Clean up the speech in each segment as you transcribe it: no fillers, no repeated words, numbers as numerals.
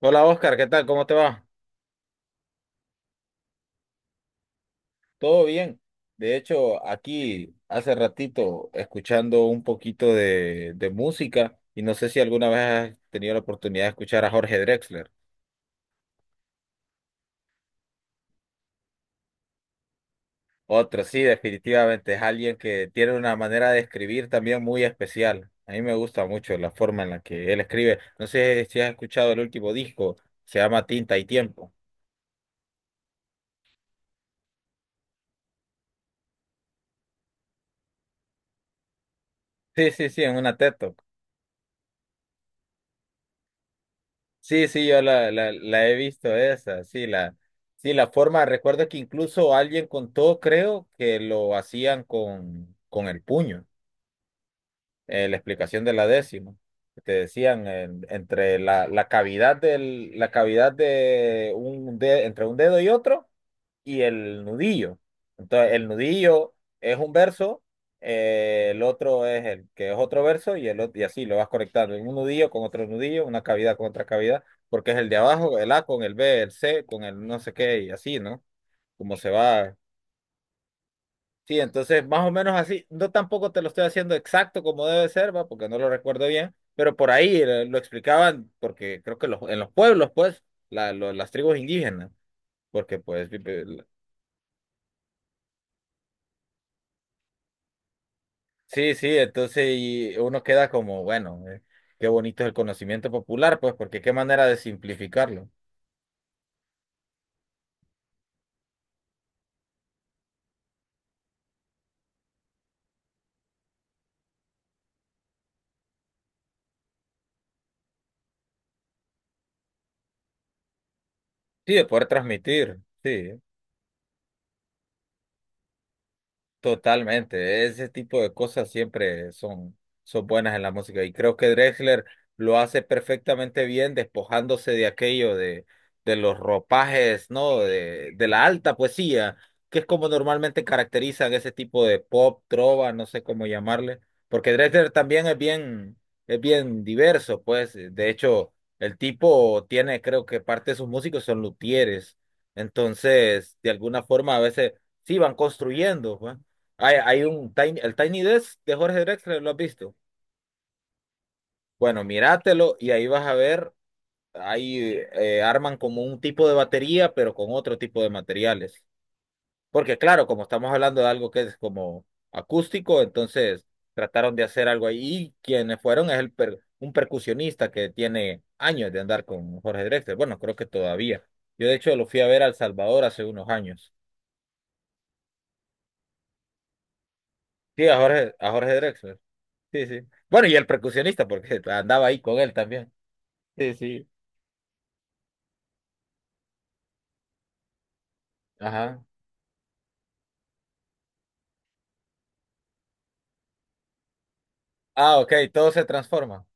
Hola Oscar, ¿qué tal? ¿Cómo te va? ¿Todo bien? De hecho, aquí hace ratito escuchando un poquito de música y no sé si alguna vez has tenido la oportunidad de escuchar a Jorge Drexler. Otro, sí, definitivamente es alguien que tiene una manera de escribir también muy especial. A mí me gusta mucho la forma en la que él escribe. No sé si has escuchado el último disco, se llama Tinta y Tiempo. Sí, sí, sí, en una teto. Sí, sí, yo la he visto esa, sí, la, sí, la forma, recuerdo que incluso alguien contó, creo, que lo hacían con el puño, la explicación de la décima. Te decían entre la cavidad la cavidad entre un dedo y otro y el nudillo. Entonces, el nudillo es un verso, el otro es el que es otro verso y el otro, y así lo vas conectando. Un nudillo con otro nudillo, una cavidad con otra cavidad, porque es el de abajo, el A con el B, el C con el no sé qué y así, ¿no? Como se va. Sí, entonces más o menos así, no tampoco te lo estoy haciendo exacto como debe ser, va, porque no lo recuerdo bien, pero por ahí lo explicaban, porque creo que en los pueblos, pues, las tribus indígenas, porque pues, sí, sí, entonces y uno queda como, bueno, qué bonito es el conocimiento popular, pues, porque qué manera de simplificarlo, sí, de poder transmitir, sí. Totalmente, ese tipo de cosas siempre son, son buenas en la música y creo que Drexler lo hace perfectamente bien despojándose de aquello de los ropajes, ¿no? De la alta poesía, que es como normalmente caracterizan ese tipo de pop, trova, no sé cómo llamarle, porque Drexler también es bien diverso, pues de hecho el tipo tiene, creo que parte de sus músicos son luthieres, entonces de alguna forma a veces sí van construyendo, pues. Hay un Tiny, el Tiny Desk de Jorge Drexler, ¿lo has visto? Bueno, míratelo y ahí vas a ver, ahí arman como un tipo de batería, pero con otro tipo de materiales. Porque claro, como estamos hablando de algo que es como acústico, entonces trataron de hacer algo ahí. Y quienes fueron es un percusionista que tiene años de andar con Jorge Drexler. Bueno, creo que todavía. Yo de hecho lo fui a ver a El Salvador hace unos años. Sí, a Jorge Drexler. Sí, sí. Bueno, y el percusionista, porque andaba ahí con él también. Sí, sí. Ajá. Ah, ok, todo se transforma.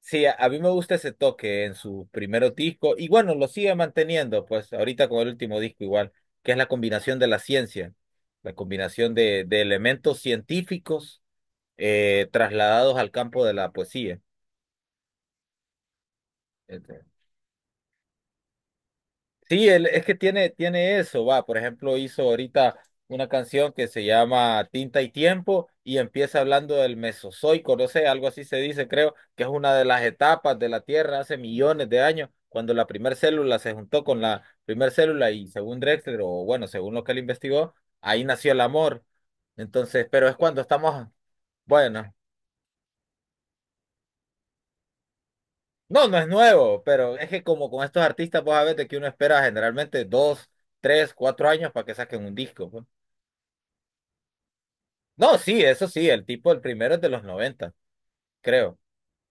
Sí, a mí me gusta ese toque en su primer disco y bueno, lo sigue manteniendo, pues ahorita con el último disco igual, que es la combinación de la ciencia, la combinación de elementos científicos, trasladados al campo de la poesía. Sí, él, es que tiene, tiene eso, va, por ejemplo, hizo ahorita una canción que se llama Tinta y Tiempo y empieza hablando del Mesozoico, no sé, algo así se dice, creo, que es una de las etapas de la Tierra hace millones de años, cuando la primera célula se juntó con la primera célula y según Drexler, o bueno, según lo que él investigó, ahí nació el amor. Entonces, pero es cuando estamos, bueno, no, no es nuevo, pero es que como con estos artistas, vos sabés de que uno espera generalmente dos, tres, cuatro años para que saquen un disco, pues. No, sí, eso sí, el tipo, el primero es de los 90, creo.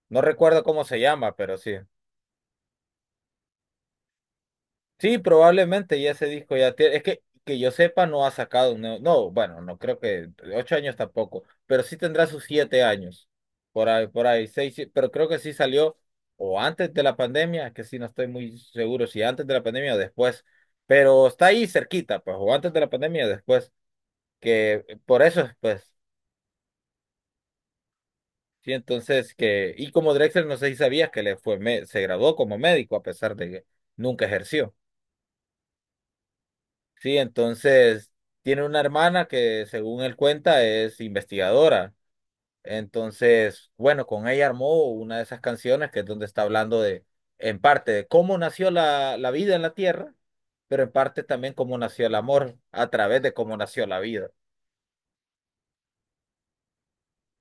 No recuerdo cómo se llama, pero sí. Sí, probablemente ya ese disco ya tiene. Es que yo sepa, no ha sacado un nuevo. No, bueno, no creo que. 8 años tampoco, pero sí tendrá sus 7 años. Por ahí, seis, sí, pero creo que sí salió o antes de la pandemia, que sí, no estoy muy seguro si antes de la pandemia o después. Pero está ahí cerquita, pues, o antes de la pandemia o después. Que por eso, pues. Sí, entonces que, y como Drexler, no sé si sabías que le fue, se graduó como médico a pesar de que nunca ejerció. Sí, entonces tiene una hermana que según él cuenta es investigadora. Entonces, bueno, con ella armó una de esas canciones que es donde está hablando de, en parte, de cómo nació la, la vida en la Tierra, pero en parte también cómo nació el amor a través de cómo nació la vida.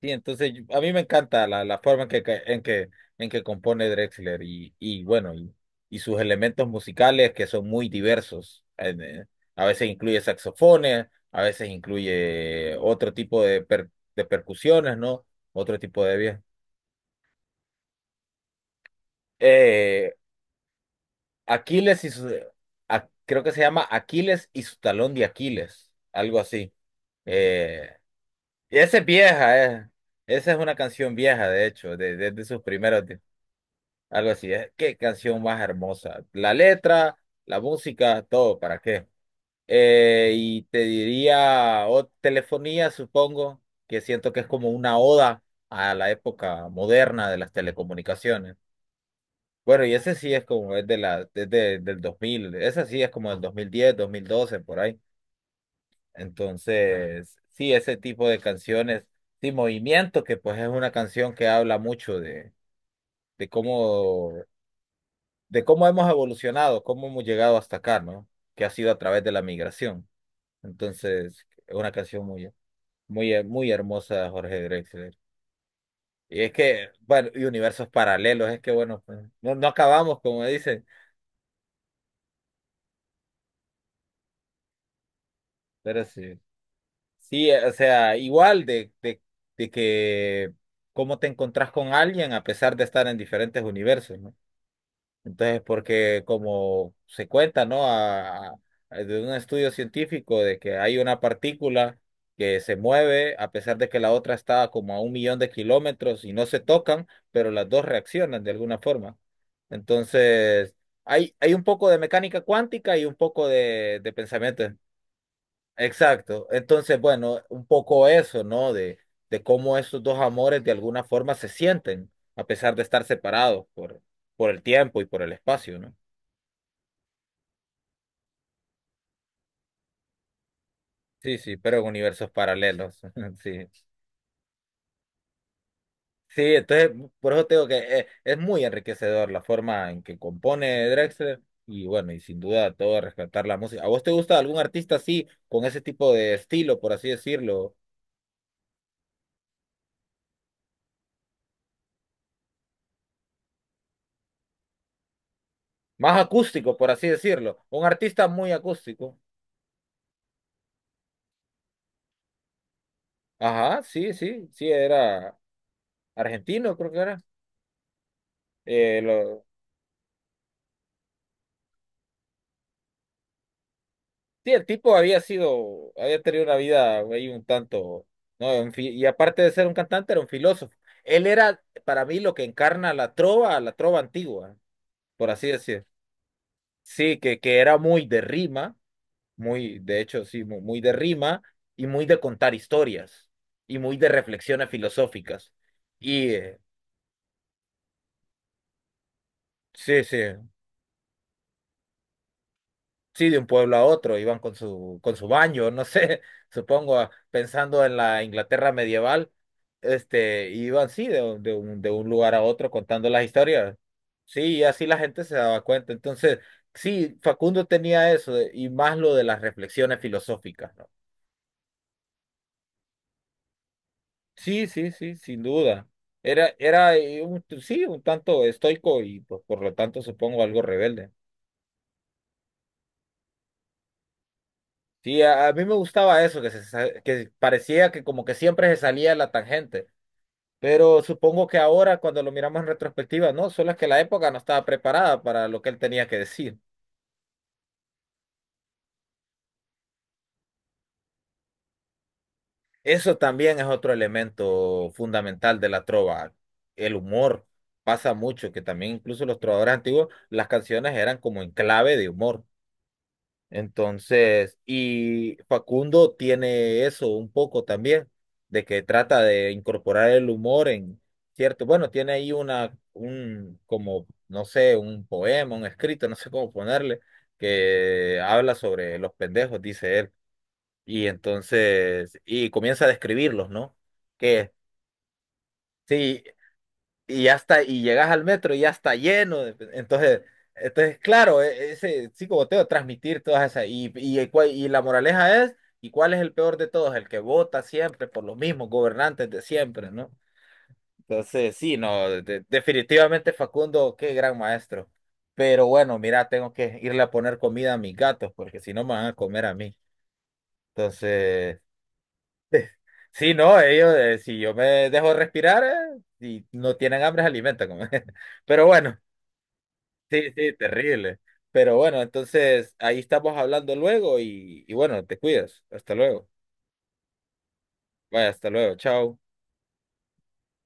Sí, entonces a mí me encanta la, la forma en que- en que, en que compone Drexler y bueno, y sus elementos musicales que son muy diversos. En, a veces incluye saxofones, a veces incluye otro tipo de percusiones, ¿no? Otro tipo de bien. Eh, Aquiles y su, creo que se llama Aquiles y su talón de Aquiles, algo así. Eh, y esa es vieja, eh. Esa es una canción vieja, de hecho, de sus primeros. Algo así es. Qué canción más hermosa. La letra, la música, todo, ¿para qué? Y te diría, o telefonía, supongo, que siento que es como una oda a la época moderna de las telecomunicaciones. Bueno, y ese sí es como es de la, es de- del dos mil, ese sí es como del dos mil diez, 2012, por ahí. Entonces, sí, ese tipo de canciones, sí, Movimiento, que pues es una canción que habla mucho de, de cómo de cómo hemos evolucionado, cómo hemos llegado hasta acá, ¿no? Que ha sido a través de la migración. Entonces, es una canción muy, muy, muy hermosa de Jorge Drexler. Y es que, bueno, y universos paralelos, es que, bueno, pues, no, no acabamos, como dicen, pero sí. Sí, o sea, igual de que cómo te encontrás con alguien a pesar de estar en diferentes universos, ¿no? Entonces, porque como se cuenta, ¿no? De un estudio científico de que hay una partícula que se mueve a pesar de que la otra está como a un millón de kilómetros y no se tocan, pero las dos reaccionan de alguna forma. Entonces, hay un poco de mecánica cuántica y un poco de pensamiento. Exacto. Entonces, bueno, un poco eso, ¿no? De cómo esos dos amores de alguna forma se sienten, a pesar de estar separados por, el tiempo y por el espacio, ¿no? Sí, sí, pero en universos paralelos. Sí. Sí, entonces, por eso te digo que es, muy enriquecedor la forma en que compone Drexler y bueno, y sin duda todo rescatar la música. ¿A vos te gusta algún artista así, con ese tipo de estilo, por así decirlo? Más acústico, por así decirlo. Un artista muy acústico. Ajá, sí, sí, sí, era argentino, creo que era. Lo... Sí, el tipo había sido, había tenido una vida ahí un tanto, ¿no? Y aparte de ser un cantante, era un filósofo. Él era, para mí, lo que encarna la trova antigua, por así decir. Sí, que era muy de rima, muy, de hecho, sí, muy de rima y muy de contar historias y muy de reflexiones filosóficas. Y sí, sí. Sí, de un pueblo a otro, iban con su baño, no sé, supongo, ah, pensando en la Inglaterra medieval, este, iban, sí, de un lugar a otro contando las historias. Sí, y así la gente se daba cuenta. Entonces, sí, Facundo tenía eso, y más lo de las reflexiones filosóficas, ¿no? Sí, sí, sí, sin duda. Era, era un, sí, un tanto estoico y pues, por lo tanto supongo algo rebelde. Sí, a mí me gustaba eso, que, que parecía que como que siempre se salía de la tangente. Pero supongo que ahora, cuando lo miramos en retrospectiva, no, solo es que la época no estaba preparada para lo que él tenía que decir. Eso también es otro elemento fundamental de la trova, el humor. Pasa mucho, que también incluso los trovadores antiguos, las canciones eran como en clave de humor. Entonces, y Facundo tiene eso un poco también, de que trata de incorporar el humor en, cierto, bueno, tiene ahí una, un, como, no sé, un poema, un escrito, no sé cómo ponerle, que habla sobre los pendejos, dice él, y entonces, y comienza a describirlos, ¿no? Que sí, y ya está, y llegas al metro y ya está lleno. Entonces, entonces claro, ese psicoboteo, transmitir todas esas. Y, y la moraleja es, ¿y cuál es el peor de todos? El que vota siempre por los mismos gobernantes de siempre, ¿no? Entonces, sí, no, definitivamente Facundo, qué gran maestro. Pero bueno, mira, tengo que irle a poner comida a mis gatos, porque si no me van a comer a mí. Entonces, sí, no, ellos, si yo me dejo respirar, y no tienen hambre, se alimentan. Pero bueno. Sí, sí, terrible. Pero bueno, entonces ahí estamos hablando luego y bueno, te cuidas. Hasta luego. Vaya, hasta luego. Chao.